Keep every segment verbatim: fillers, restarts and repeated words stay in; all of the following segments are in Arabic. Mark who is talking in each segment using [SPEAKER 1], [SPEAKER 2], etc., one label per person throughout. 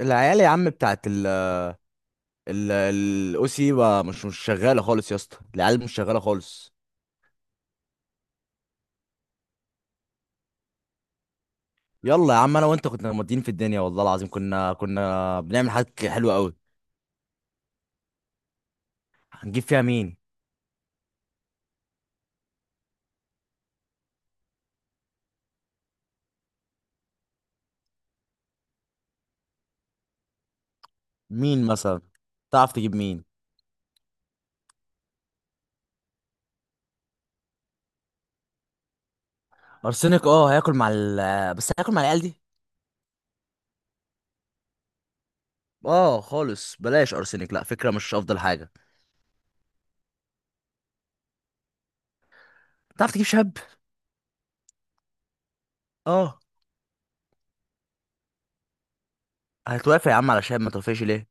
[SPEAKER 1] العيال يا عم بتاعت ال ال الاو سي مش مش شغاله خالص يا اسطى العيال مش شغاله خالص. يلا يا عم انا وانت كنا مودين في الدنيا، والله العظيم كنا كنا بنعمل حاجات حلوه قوي. هنجيب فيها مين؟ مين مثلا؟ تعرف تجيب مين؟ ارسنك؟ اه هياكل مع ال بس هياكل مع العيال دي. اه خالص بلاش ارسنك، لا فكره مش افضل حاجه. تعرف تجيب شاب؟ اه. هتوافق يا عم على شاب، ما توافقش ليه؟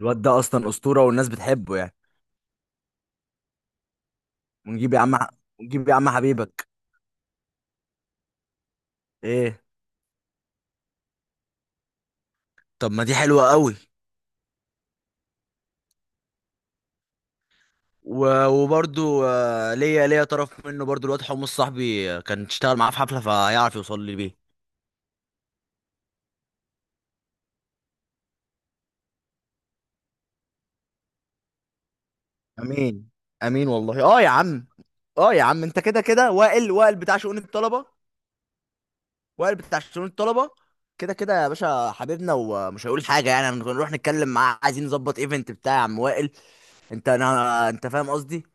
[SPEAKER 1] الواد ده اصلا اسطوره والناس بتحبه يعني. ونجيب يا عم. ونجيب يا عم حبيبك. ايه؟ طب ما دي حلوه قوي. و- وبرضو آه، ليا ليا طرف منه برضو، الواد حمص صاحبي آه، كان اشتغل معاه في حفلة فهيعرف يوصل لي بيه. امين. امين والله، اه يا عم. اه يا عم، انت كده كده وائل وائل بتاع شؤون الطلبه. وائل بتاع شؤون الطلبه كده كده يا باشا حبيبنا، ومش هيقول حاجه يعني. هنروح نتكلم معاه عايزين نظبط ايفنت بتاع يا عم وائل. انت انا انت فاهم قصدي.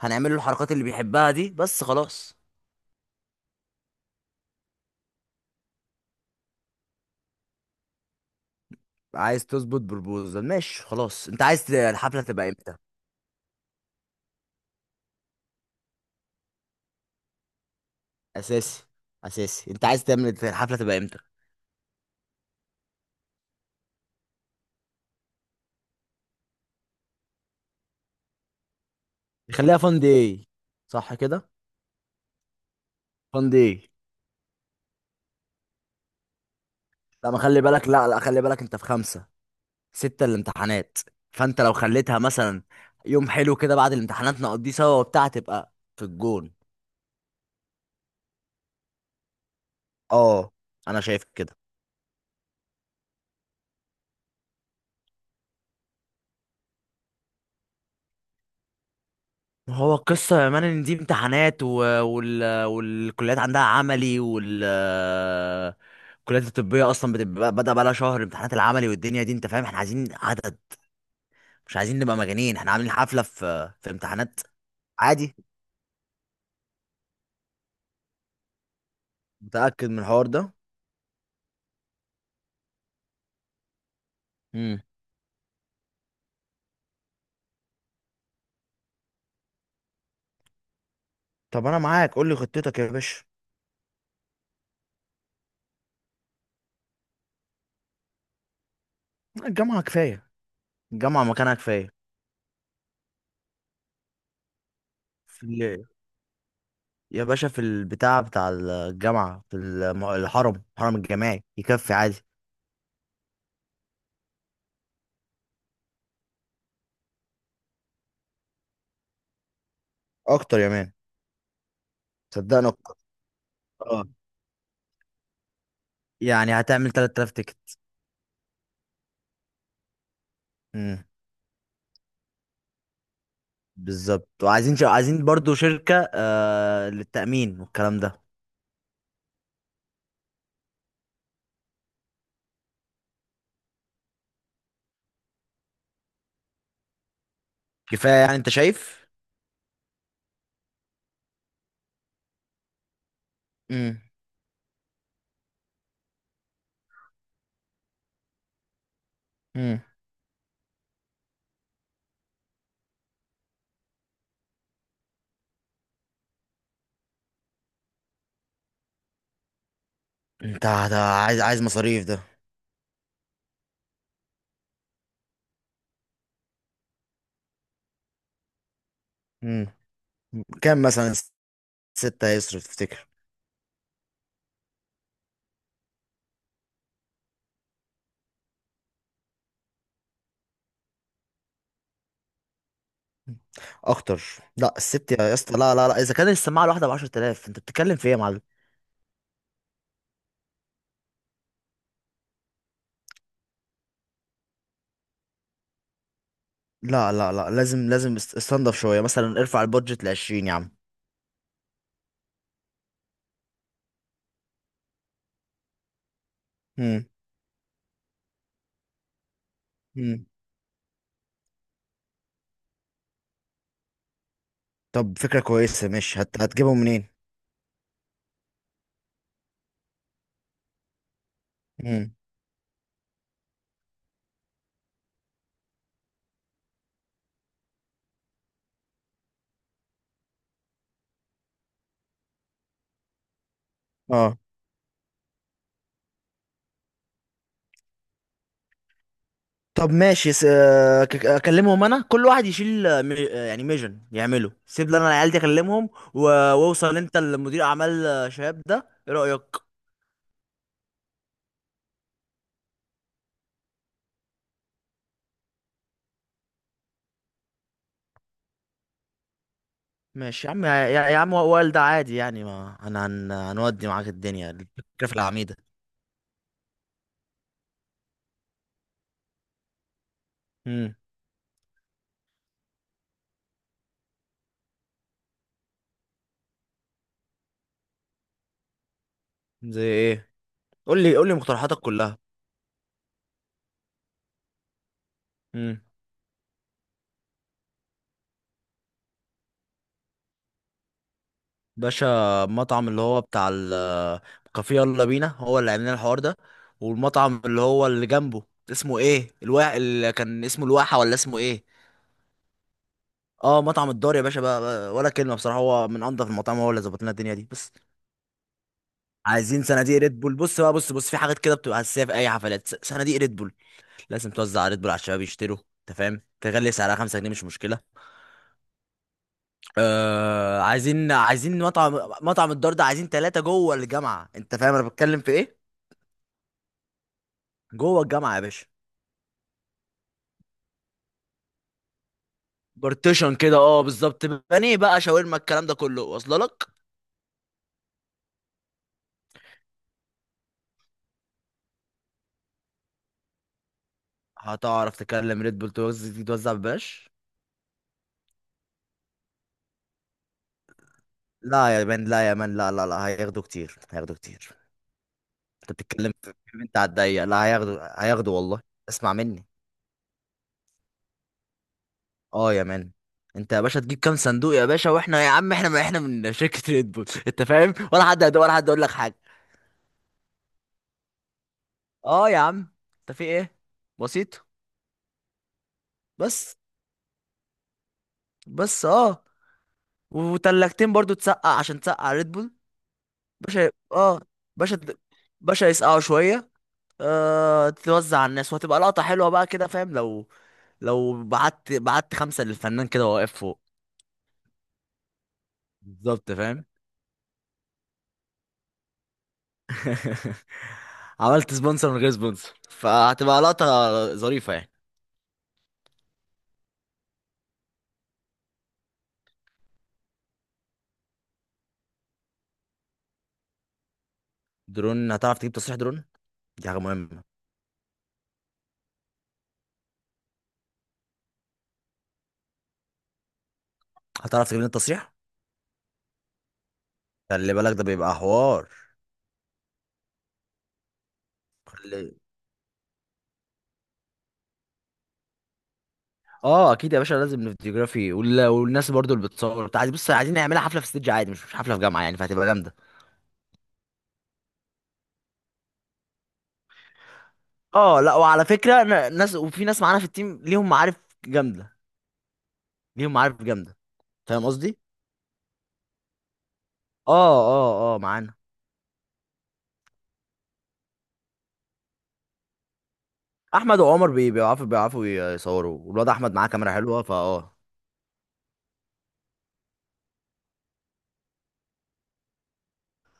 [SPEAKER 1] هنعمل له الحركات اللي بيحبها دي بس خلاص. عايز تظبط بربوزل؟ ماشي خلاص. انت عايز ت- الحفله تبقى امتى؟ اساسي. اساسي، انت عايز تعمل الحفله تبقى امتى؟ خليها فان داي. صح كده؟ فان داي. لا ما خلي بالك، لا لا خلي بالك، انت في خمسة ستة الامتحانات. فانت لو خليتها مثلا يوم حلو كده بعد الامتحانات نقضيه سوا وبتاع، تبقى في الجون. اه. انا شايف كده. ما هو القصة يا مان ان دي امتحانات و... وال... والكليات عندها عملي وال الكليات الطبية اصلا بتبقى بدأ بقى لها شهر امتحانات العملي والدنيا دي، انت فاهم، احنا عايزين عدد. مش عايزين نبقى مجانين احنا عاملين حفلة في في امتحانات. عادي. متأكد من الحوار ده؟ امم. طب انا معاك، قول لي خطتك يا باشا. الجامعة كفاية. الجامعة مكانها كفاية. في ال- يا باشا في البتاع بتاع الجامعة، في الم- الحرم الحرم الجامعي يكفي عادي. اكتر يا مان. صدقني اكتر. اه. يعني هتعمل تلت تلاف تيكت؟ امم. بالظبط. وعايزين ش... عايزين برضو شركة آه للتأمين والكلام ده. كفاية يعني انت شايف؟ امم. امم. انت هت- عايز عايز مصاريف ده. مم. كام مثلا؟ ستة هيصرف تفتكر؟ اكتر. لا الست يا اسطى، لا لا لا اذا كان السماعه الواحده ب عشر تلاف، انت بتتكلم في ايه يا معلم؟ لا لا لا لازم لازم است- استنضف شويه، مثلا ارفع البادجت ل عشرين يا عم. مم. مم. طب فكره كويسه ماشي، هت... هتجيبهم منين؟ مم. اه. طب ماشي س... آه، ك- آه، اكلمهم انا كل واحد يشيل آه، مي... آه، يعني ميجن يعمله، سيب لي انا العيال دي اكلمهم. و... واوصل انت لمدير اعمال آه، شباب ده، ايه رايك؟ ماشي يا عم. يا, يا عم وائل ده عادي يعني، ما هن هن هنودي معاك الدنيا، الفكرة في العميدة. امم. زي ايه؟ قول لي قول لي مقترحاتك كلها. امم. باشا، المطعم اللي هو بتاع الكافيه يلا بينا هو اللي عاملين الحوار ده، والمطعم اللي هو اللي جنبه، اسمه ايه الوا اللي كان اسمه الواحة ولا اسمه ايه؟ اه مطعم الدار، يا باشا بقى, بقى ولا كلمة بصراحة، هو من انضف المطاعم، هو اللي ظبط لنا الدنيا دي بس. عايزين صناديق ريد بول. بص بقى، بص بص في حاجات كده بتبقى اساسيه في اي حفلات، صناديق ريد بول لازم توزع على ريد بول على الشباب يشتروا، انت فاهم، تغلي سعرها خمسة جنيه مش مشكله. آه عايزين عايزين مطعم، مطعم الدار ده عايزين ثلاثه جوه الجامعه، انت فاهم انا بتكلم في ايه؟ جوه الجامعه يا باشا. بارتيشن كده اه بالظبط، بانيه بقى شاورما، الكلام ده كله واصله لك. هتعرف تكلم ريد بول توزع توزع ببلاش؟ لا يا مان لا يا مان لا لا لا هياخدوا كتير، هياخدوا كتير. انت بتتكلم في في بنت على الضيق، لا هياخدوا، هياخدوا والله. اسمع مني. اه يا مان. انت يا باشا تجيب كام صندوق يا باشا واحنا يا عم، احنا ما احنا من شركة ريد بول انت فاهم، ولا حد هد- ولا حد يقول لك حاجة. اه يا عم. انت في ايه؟ بسيط. بس بس اه. وتلاجتين برضو تسقع، عشان تسقع ريد بول. باشا اه. باشا د- باشا، يسقعوا شوية، آه تتوزع على الناس وهتبقى لقطة حلوة بقى كده فاهم. لو لو بعت بعت خمسة للفنان كده وهو واقف فوق. بالظبط فاهم. عملت سبونسر من غير سبونسر، فهتبقى لقطة ظريفة يعني. درون، هتعرف تجيب تصريح درون؟ دي حاجة مهمة. هتعرف تجيب لنا التصريح؟ خلي بالك ده بيبقى حوار. خلي. اه اكيد يا باشا، لازم الفيديوغرافي وال... والناس برضو اللي بتصور بتاع. بص، عايزين نعملها حفلة في ستيدج عادي، مش مش حفلة في جامعة يعني، فهتبقى جامدة. اه لا وعلى فكرة ن- ناس وفي ناس معانا في التيم ليهم معارف جامدة. ليهم معارف جامدة. فاهم قصدي؟ اه اه اه معانا. احمد وعمر بي- بيعرفوا، بيعرفوا يصوروا، والواد احمد معاه كاميرا حلوة فاه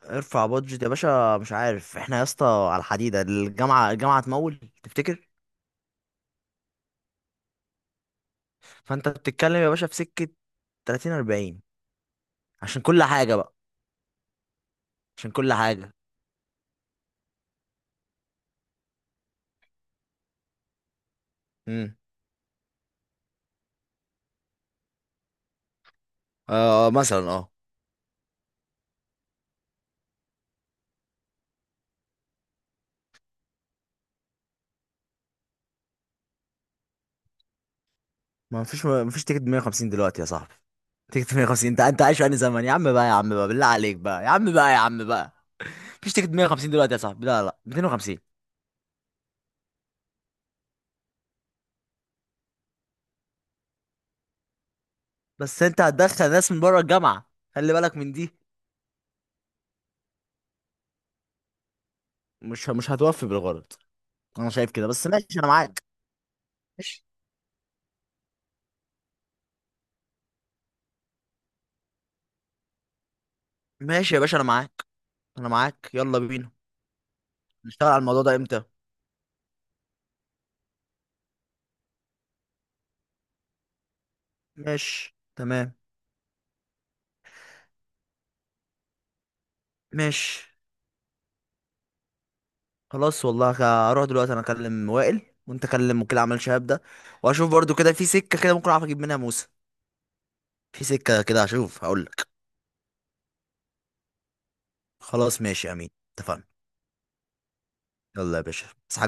[SPEAKER 1] ارفع بادجت يا باشا. مش عارف احنا يا اسطى على الحديدة، الجامعة الجامعة هتمول تفتكر؟ فانت بتتكلم يا باشا في سكة تلاتين اربعين، عشان كل حاجة بقى. عشان كل حاجة. امم. آه، آه، مثلا اه. ما فيش، ما فيش تيكت مئة وخمسين دلوقتي يا صاحبي. تيكت مية وخمسين، انت انت عايش في انهي زمن؟ يا عم بقى يا عم بقى بالله عليك بقى، يا عم بقى يا عم بقى مفيش تيكت مية وخمسين دلوقتي يا صاحبي، لا لا مئتين وخمسين. بس انت هتدخل ناس من بره الجامعة، خلي بالك من دي. مش مش هتوفي بالغرض. انا شايف كده بس ماشي، انا معاك. ماشي. ماشي يا باشا انا معاك. انا معاك، يلا بينا. نشتغل على الموضوع ده امتى؟ ماشي تمام. ماشي. خلاص والله. هروح دلوقتي انا اكلم وائل، وانت كلم وكيل اعمال شهاب ده. واشوف برضو كده في سكة كده ممكن اعرف اجيب منها موسى. في سكة كده هشوف، هقول لك. خلاص ماشي يا امين. اتفقنا. يلا يا باشا بس.